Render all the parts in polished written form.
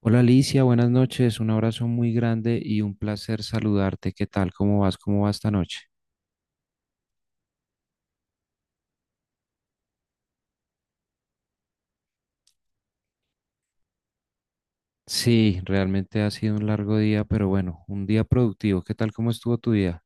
Hola Alicia, buenas noches, un abrazo muy grande y un placer saludarte. ¿Qué tal? ¿Cómo vas? ¿Cómo va esta noche? Sí, realmente ha sido un largo día, pero bueno, un día productivo. ¿Qué tal? ¿Cómo estuvo tu día?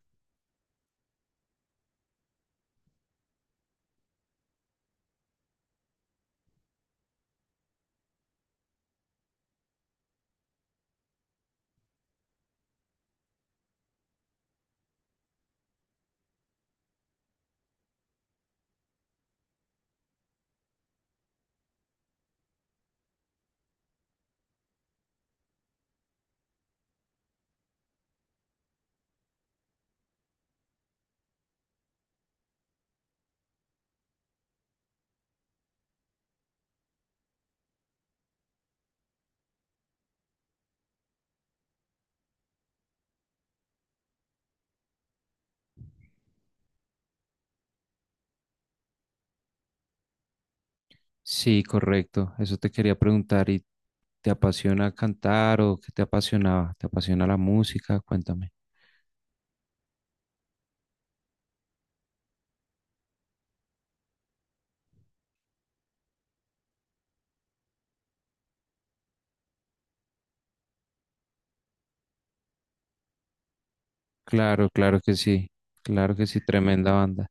Sí, correcto. Eso te quería preguntar. ¿Y te apasiona cantar o qué te apasionaba? ¿Te apasiona la música? Cuéntame. Claro, claro que sí. Claro que sí, tremenda banda.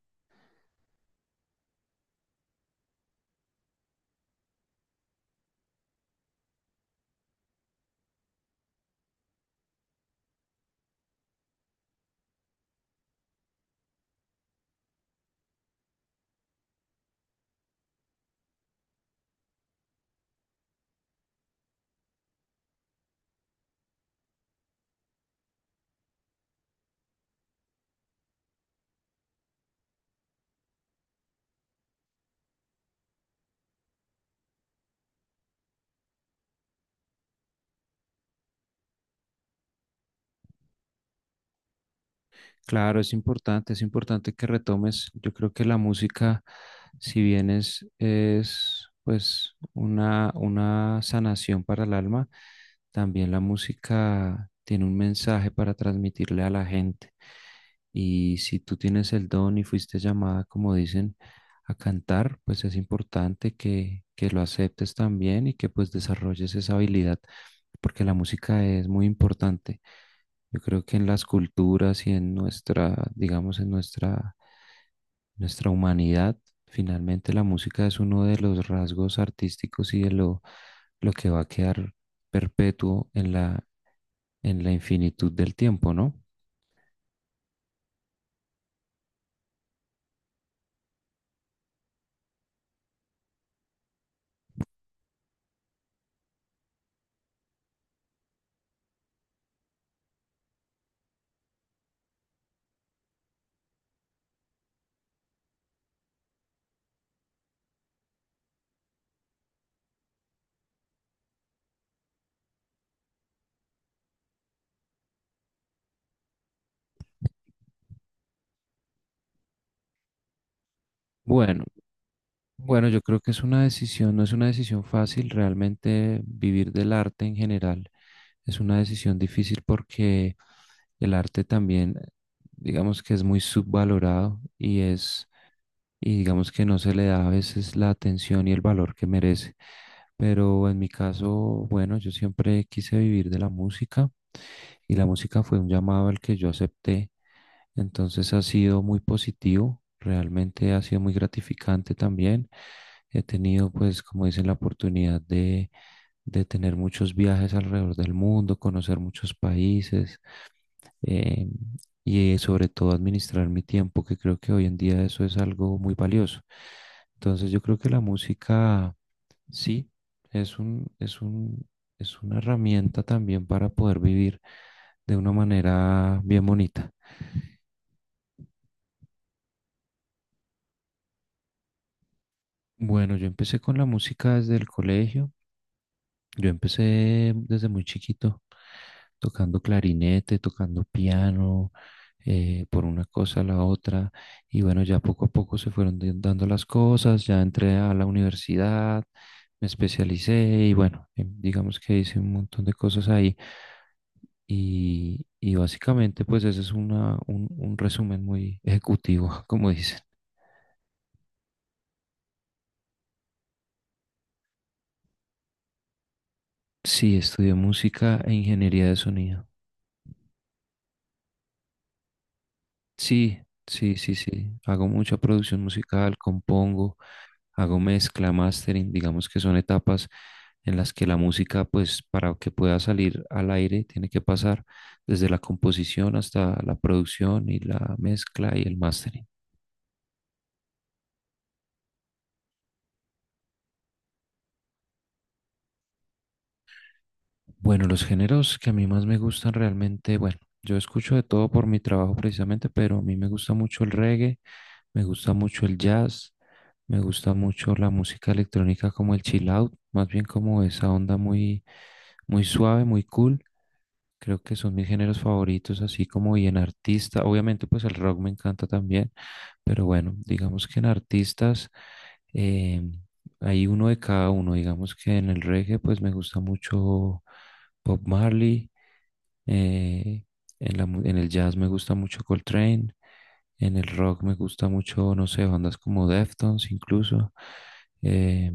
Claro, es importante que retomes. Yo creo que la música, si bien es pues una sanación para el alma, también la música tiene un mensaje para transmitirle a la gente. Y si tú tienes el don y fuiste llamada, como dicen, a cantar, pues es importante que lo aceptes también y que pues desarrolles esa habilidad, porque la música es muy importante. Yo creo que en las culturas y en nuestra, digamos, en nuestra humanidad, finalmente la música es uno de los rasgos artísticos y de lo que va a quedar perpetuo en en la infinitud del tiempo, ¿no? Bueno, Bueno, yo creo que es una decisión, no es una decisión fácil realmente vivir del arte en general. Es una decisión difícil porque el arte también, digamos que es muy subvalorado y es, y digamos que no se le da a veces la atención y el valor que merece. Pero en mi caso, bueno, yo siempre quise vivir de la música y la música fue un llamado al que yo acepté, entonces ha sido muy positivo, realmente ha sido muy gratificante también. He tenido, pues, como dicen, la oportunidad de tener muchos viajes alrededor del mundo, conocer muchos países eh, y sobre todo administrar mi tiempo, que creo que hoy en día eso es algo muy valioso. Entonces yo creo que la música, sí, es un, es un, es una herramienta también para poder vivir de una manera bien bonita. Bueno, yo empecé con la música desde el colegio. Yo empecé desde muy chiquito, tocando clarinete, tocando piano, por una cosa a la otra. Y bueno, ya poco a poco se fueron dando las cosas. Ya entré a la universidad, me especialicé y bueno, digamos que hice un montón de cosas ahí. Y básicamente, pues ese es un resumen muy ejecutivo, como dicen. Sí, estudié música e ingeniería de sonido. Sí, sí. Hago mucha producción musical, compongo, hago mezcla, mastering, digamos que son etapas en las que la música, pues para que pueda salir al aire, tiene que pasar desde la composición hasta la producción y la mezcla y el mastering. Bueno, los géneros que a mí más me gustan realmente, bueno, yo escucho de todo por mi trabajo precisamente, pero a mí me gusta mucho el reggae. Me gusta mucho el jazz, me gusta mucho la música electrónica como el chill out, más bien como esa onda muy, muy suave, muy cool. Creo que son mis géneros favoritos, así como y en artista. Obviamente, pues el rock me encanta también, pero bueno, digamos que en artistas eh, hay uno de cada uno. Digamos que en el reggae, pues me gusta mucho Bob Marley. Eh, en la en el jazz me gusta mucho Coltrane. En el rock me gusta mucho, no sé, bandas como Deftones incluso. Eh,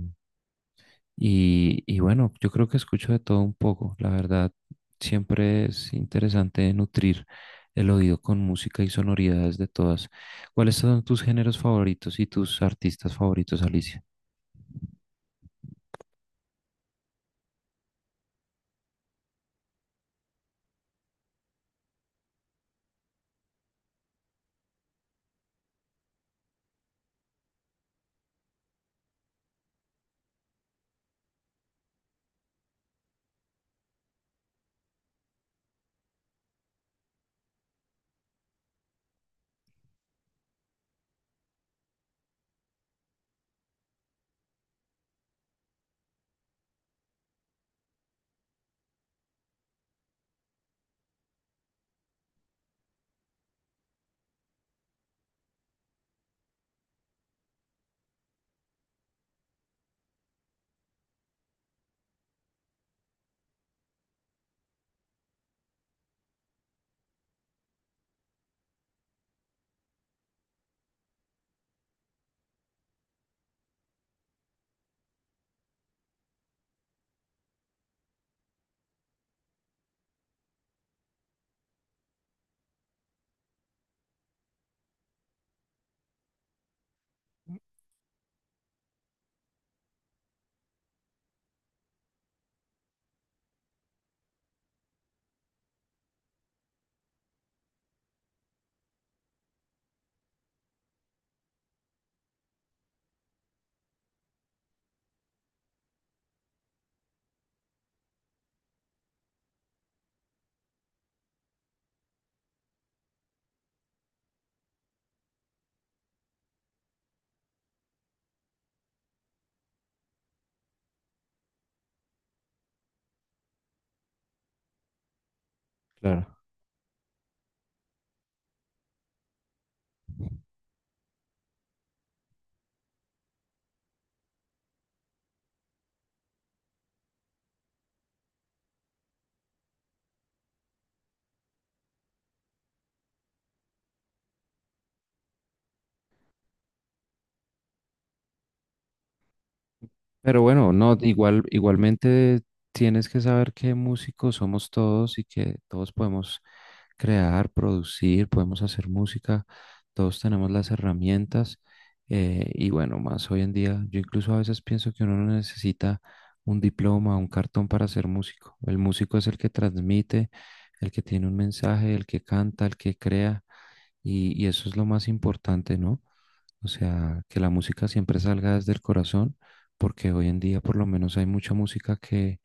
y bueno, yo creo que escucho de todo un poco. La verdad, siempre es interesante nutrir el oído con música y sonoridades de todas. ¿Cuáles son tus géneros favoritos y tus artistas favoritos, Alicia? Claro. Pero bueno, no, igual, igualmente tienes que saber que músicos somos todos y que todos podemos crear, producir, podemos hacer música, todos tenemos las herramientas y bueno, más hoy en día, yo incluso a veces pienso que uno no necesita un diploma, un cartón para ser músico. El músico es el que transmite, el que tiene un mensaje, el que canta, el que crea y eso es lo más importante, ¿no? O sea, que la música siempre salga desde el corazón, porque hoy en día por lo menos hay mucha música que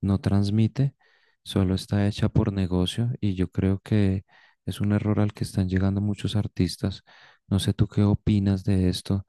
no transmite, solo está hecha por negocio y yo creo que es un error al que están llegando muchos artistas. No sé tú qué opinas de esto.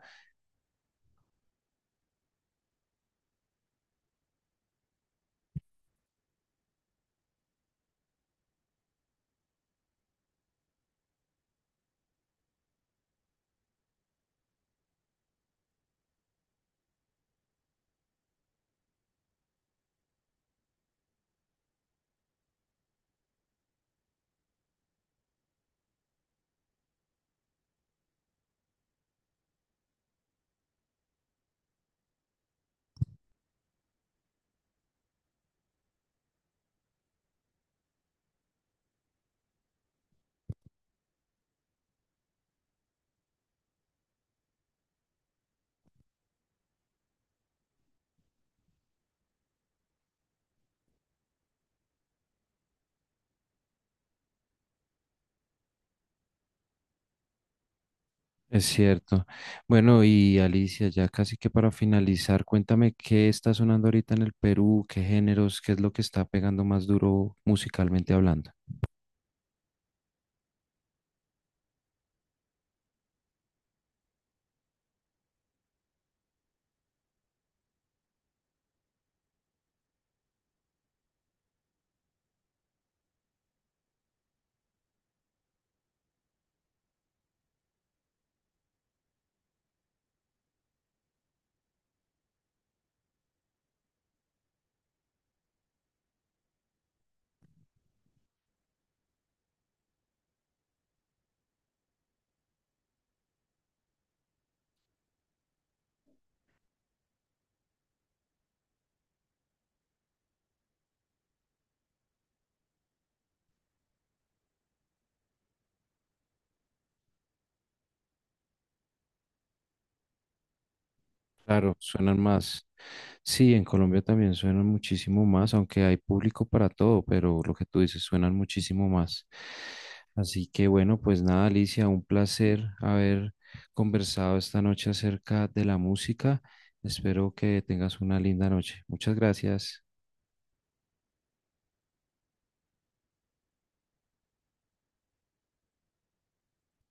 Es cierto. Bueno, y Alicia, ya casi que para finalizar, cuéntame qué está sonando ahorita en el Perú, qué géneros, qué es lo que está pegando más duro musicalmente hablando. Claro, suenan más. Sí, en Colombia también suenan muchísimo más, aunque hay público para todo, pero lo que tú dices suenan muchísimo más. Así que bueno, pues nada, Alicia, un placer haber conversado esta noche acerca de la música. Espero que tengas una linda noche. Muchas gracias.